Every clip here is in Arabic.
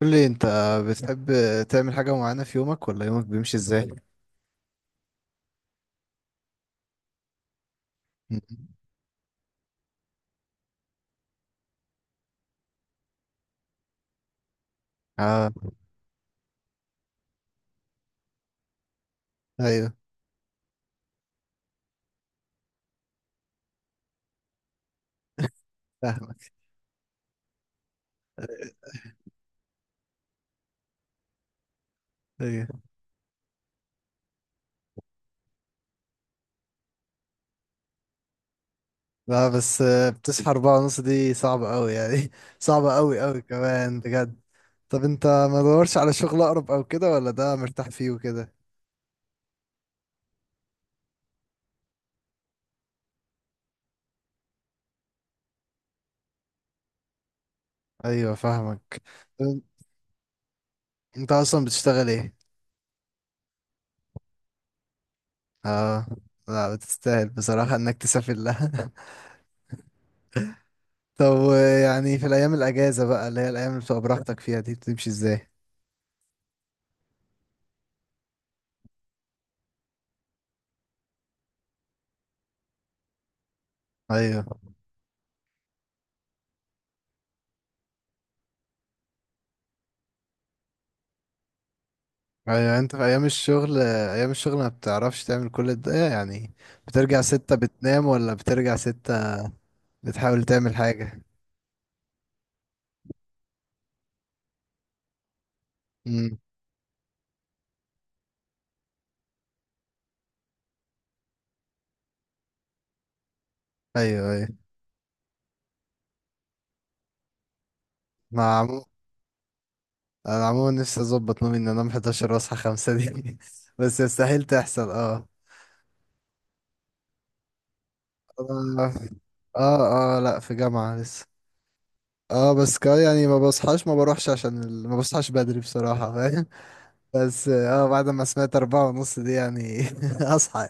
قول لي انت بتحب تعمل حاجة معينة في يومك ولا يومك بيمشي ازاي؟ م- اه، ايوه فاهمك. ايوه، لا بس بتصحى أربعة ونص دي صعبة أوي يعني. صعبة أوي أوي كمان بجد. طب انت ما دورش على شغل أقرب أو كده، ولا ده مرتاح فيه وكده؟ ايوه فاهمك. طب انت أصلا بتشتغل ايه؟ اه، لا بتستاهل بصراحة انك تسافر لها. طب، يعني في الأيام الأجازة بقى، اللي هي الأيام اللي بتبقى براحتك فيها دي، بتمشي ازاي؟ ايوه ايوه. انت في ايام الشغل، ما بتعرفش تعمل كل ده يعني. بترجع ستة بتنام، ولا بترجع ستة بتحاول تعمل حاجة؟ امم، ايوه ايوه. مع عمو... انا عموما نفسي اظبط نومي ان انام 11 واصحى 5 دي. بس يستحيل تحصل. اه اه اه، لا في جامعة لسه. اه بس يعني ما بصحاش، ما بروحش عشان ال... ما بصحاش بدري بصراحة فاهم. بس اه بعد ما سمعت 4:30 دي يعني اصحى،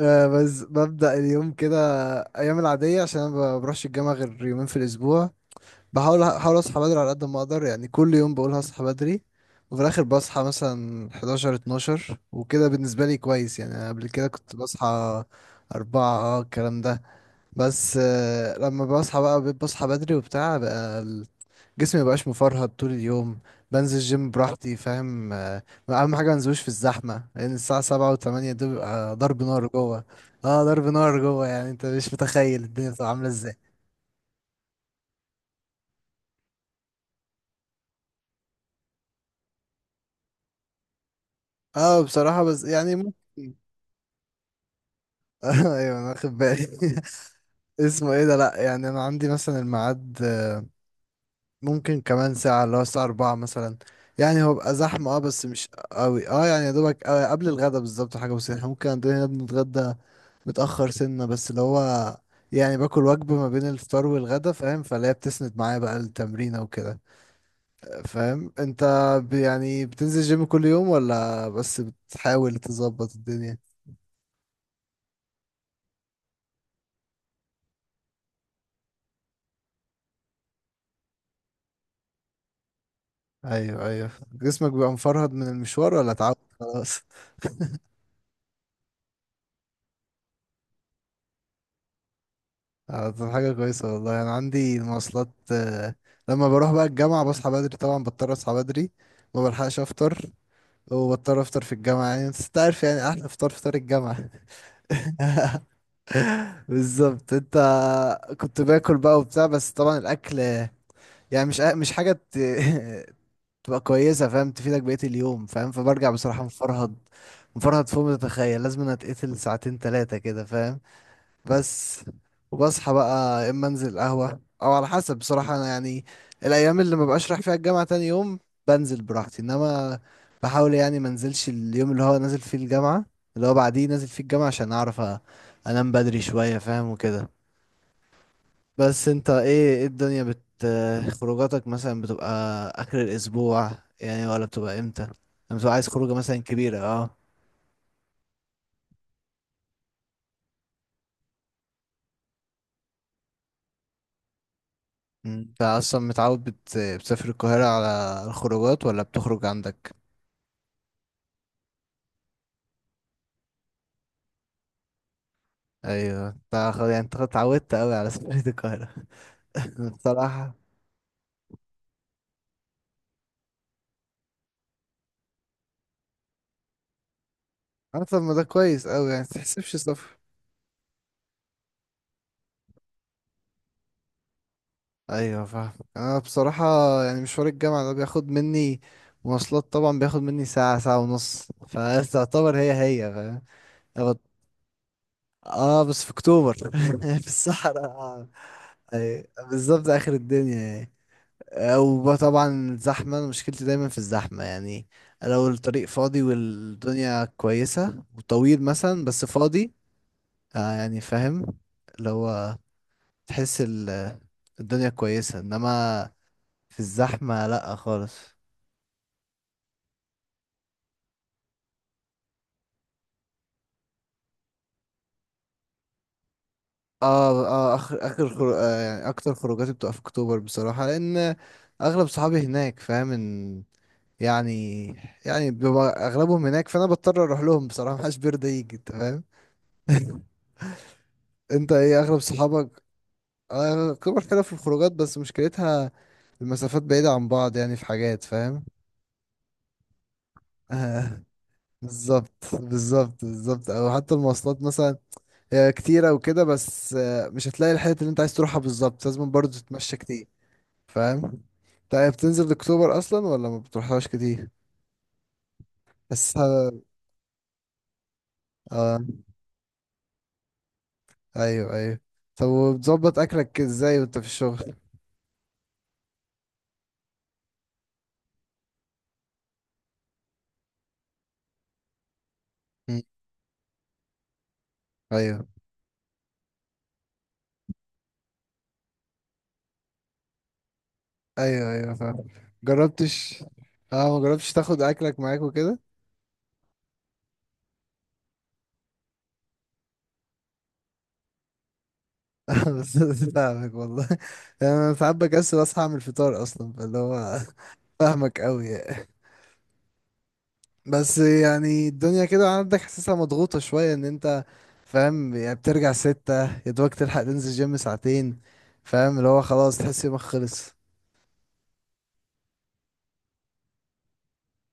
بس ببدأ اليوم كده. أيام العادية عشان أنا ما بروحش الجامعة غير يومين في الأسبوع. بحاول أصحى بدري على قد ما أقدر يعني. كل يوم بقول هصحى بدري، وفي الآخر بصحى مثلا 11 12 وكده. بالنسبة لي كويس يعني. أنا قبل كده كنت بصحى 4، اه الكلام ده. بس لما بصحى بقى بصحى بدري وبتاع بقى، جسمي مبقاش مفرهد طول اليوم. بنزل جيم براحتي فاهم. اهم حاجه منزلوش في الزحمه، لان الساعه 7 و8 دول بيبقى ضرب نار جوه. اه ضرب نار جوه يعني، انت مش متخيل الدنيا بتبقى عامله ازاي. اه بصراحه، بس يعني ممكن. ايوه انا واخد بالي. اسمه ايه ده، لا يعني انا عندي مثلا الميعاد، ممكن كمان ساعة، اللي هو الساعة 4 مثلا. يعني هو بقى زحمة اه، بس مش قوي، اه يعني يا دوبك قبل الغدا بالظبط، حاجة بسيطة. احنا ممكن عندنا هنا بنتغدى متأخر سنة، بس اللي هو يعني باكل وجبة ما بين الفطار والغدا، فاهم؟ فاللي هي بتسند معايا بقى التمرينة وكده. فاهم انت، يعني بتنزل جيم كل يوم، ولا بس بتحاول تظبط الدنيا؟ ايوه ايوه. جسمك بيبقى مفرهد من المشوار ولا تعود خلاص؟ اه طب حاجة كويسة والله. أنا عندي المواصلات، لما بروح بقى الجامعة بصحى بدري طبعا، بضطر أصحى بدري. ما بلحقش أفطر، وبضطر أفطر في الجامعة يعني. بس أنت عارف يعني، أحلى فطار فطار الجامعة. بالظبط. أنت كنت باكل بقى وبتاع، بس طبعا الأكل يعني مش حاجة ت... تبقى كويسة فاهم، تفيدك بقية اليوم، فاهم. فبرجع بصراحة مفرهد، مفرهد فوق ما تتخيل. لازم أنا أتقتل ساعتين تلاتة كده. بس وبصحى بقى، يا اما انزل قهوة او على حسب. بصراحة انا يعني الايام اللي ما بقاش رايح فيها الجامعة تاني يوم بنزل براحتي، انما بحاول يعني ما انزلش اليوم اللي هو نازل فيه الجامعة، اللي هو بعديه نازل فيه الجامعة، عشان اعرف انام بدري شوية، فاهم وكده. بس انت ايه الدنيا خروجاتك مثلا بتبقى اخر الاسبوع يعني، ولا بتبقى امتى لما بتبقى عايز خروجة مثلا كبيرة اه؟ مم. انت اصلا متعود بتسافر القاهرة على الخروجات، ولا بتخرج عندك؟ ايوه، انت خلاص يعني، انت خلاص اتعودت قوي على سفرية القاهرة. بصراحة. انا طب ما ده كويس قوي يعني، متحسبش سفر. ايوه فاهم. انا بصراحة يعني مشوار الجامعة ده بياخد مني مواصلات طبعا، بياخد مني ساعة ساعة ونص فتعتبر هي هي فاهم. أخد- اه بس في اكتوبر. في الصحراء. ايوه بالظبط اخر الدنيا يعني. وطبعا الزحمة، أنا مشكلتي دايما في الزحمة يعني. لو الطريق فاضي والدنيا كويسة وطويل مثلا بس فاضي، يعني فاهم، اللي هو تحس الدنيا كويسة، انما في الزحمة لأ خالص. اه اه، يعني اكتر خروجاتي بتبقى في اكتوبر بصراحة، لان اغلب صحابي هناك، فاهم ان يعني يعني بيبقى اغلبهم هناك، فانا بضطر اروح لهم. بصراحة محدش بيرضى يجي انت فاهم. انت ايه اغلب صحابك؟ الكبر حلوة في الخروجات، بس مشكلتها المسافات بعيدة عن بعض يعني، في حاجات فاهم. آه، بالظبط بالظبط بالظبط، او حتى المواصلات مثلا هي كتيرة وكده، بس مش هتلاقي الحتة اللي انت عايز تروحها بالظبط، لازم برضه تتمشى كتير فاهم. طيب بتنزل اكتوبر اصلا، ولا ما بتروحهاش كتير؟ بس اه ايوه ايوه. طب وبتظبط اكلك ازاي وانت في الشغل؟ مم، ايوه ايوه ايوه فاهم. جربتش اه ما جربتش تاخد اكلك معاك وكده؟ بس فاهمك والله. يعني انا ساعات بكسل اصحى اعمل فطار اصلا، فاللي هو فاهمك قوي يعني. بس يعني الدنيا كده عندك حاسسها مضغوطه شويه ان انت فاهم يعني، بترجع ستة يا دوبك تلحق تنزل جيم ساعتين، فاهم، اللي هو خلاص تحس يومك خلص.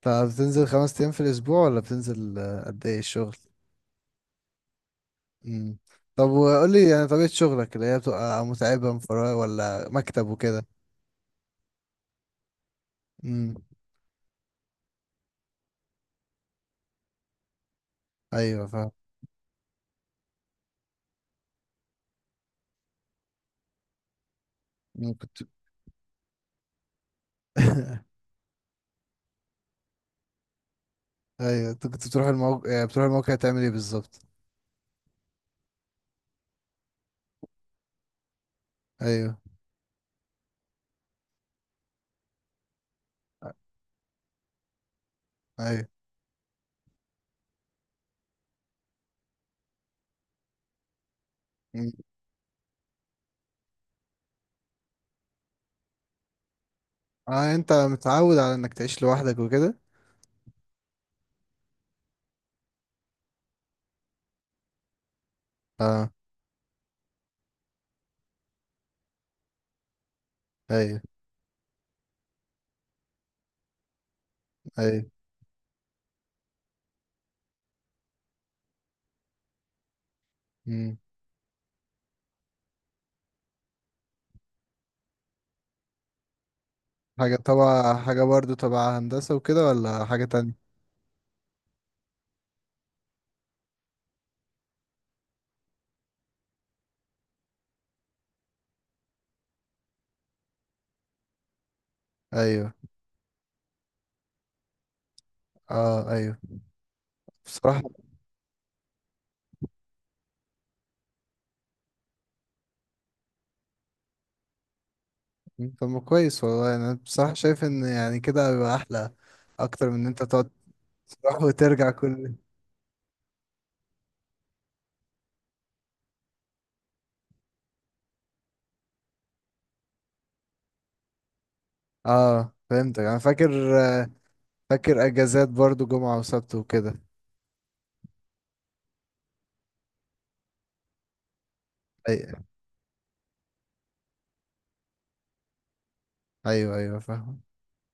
طب بتنزل 5 ايام في الاسبوع، ولا بتنزل، قد ايه الشغل؟ مم. طب وقول لي يعني، طبيعه شغلك اللي هي بتبقى متعبه مفرقة، ولا مكتب وكده؟ امم ايوه فاهم. أمم، كنت. ايوه انت كنت بتروح الموقع يعني، بتروح الموقع تعمل ايه بالظبط؟ ايوه ايوه. أمم. اه انت متعود على انك تعيش لوحدك وكده؟ اه ايوه ايوه. أمم. حاجه طبعا، حاجه برضو تبع هندسه وكده، ولا حاجه تانية؟ ايوه اه ايوه بصراحه. أمم، طب ما كويس والله يعني. انا بصراحه شايف ان يعني كده بيبقى احلى اكتر من ان انت تقعد تروح وترجع كل، اه فهمتك. انا فاكر، اجازات برضو جمعة وسبت وكده. أي- ايوه ايوه فاهم.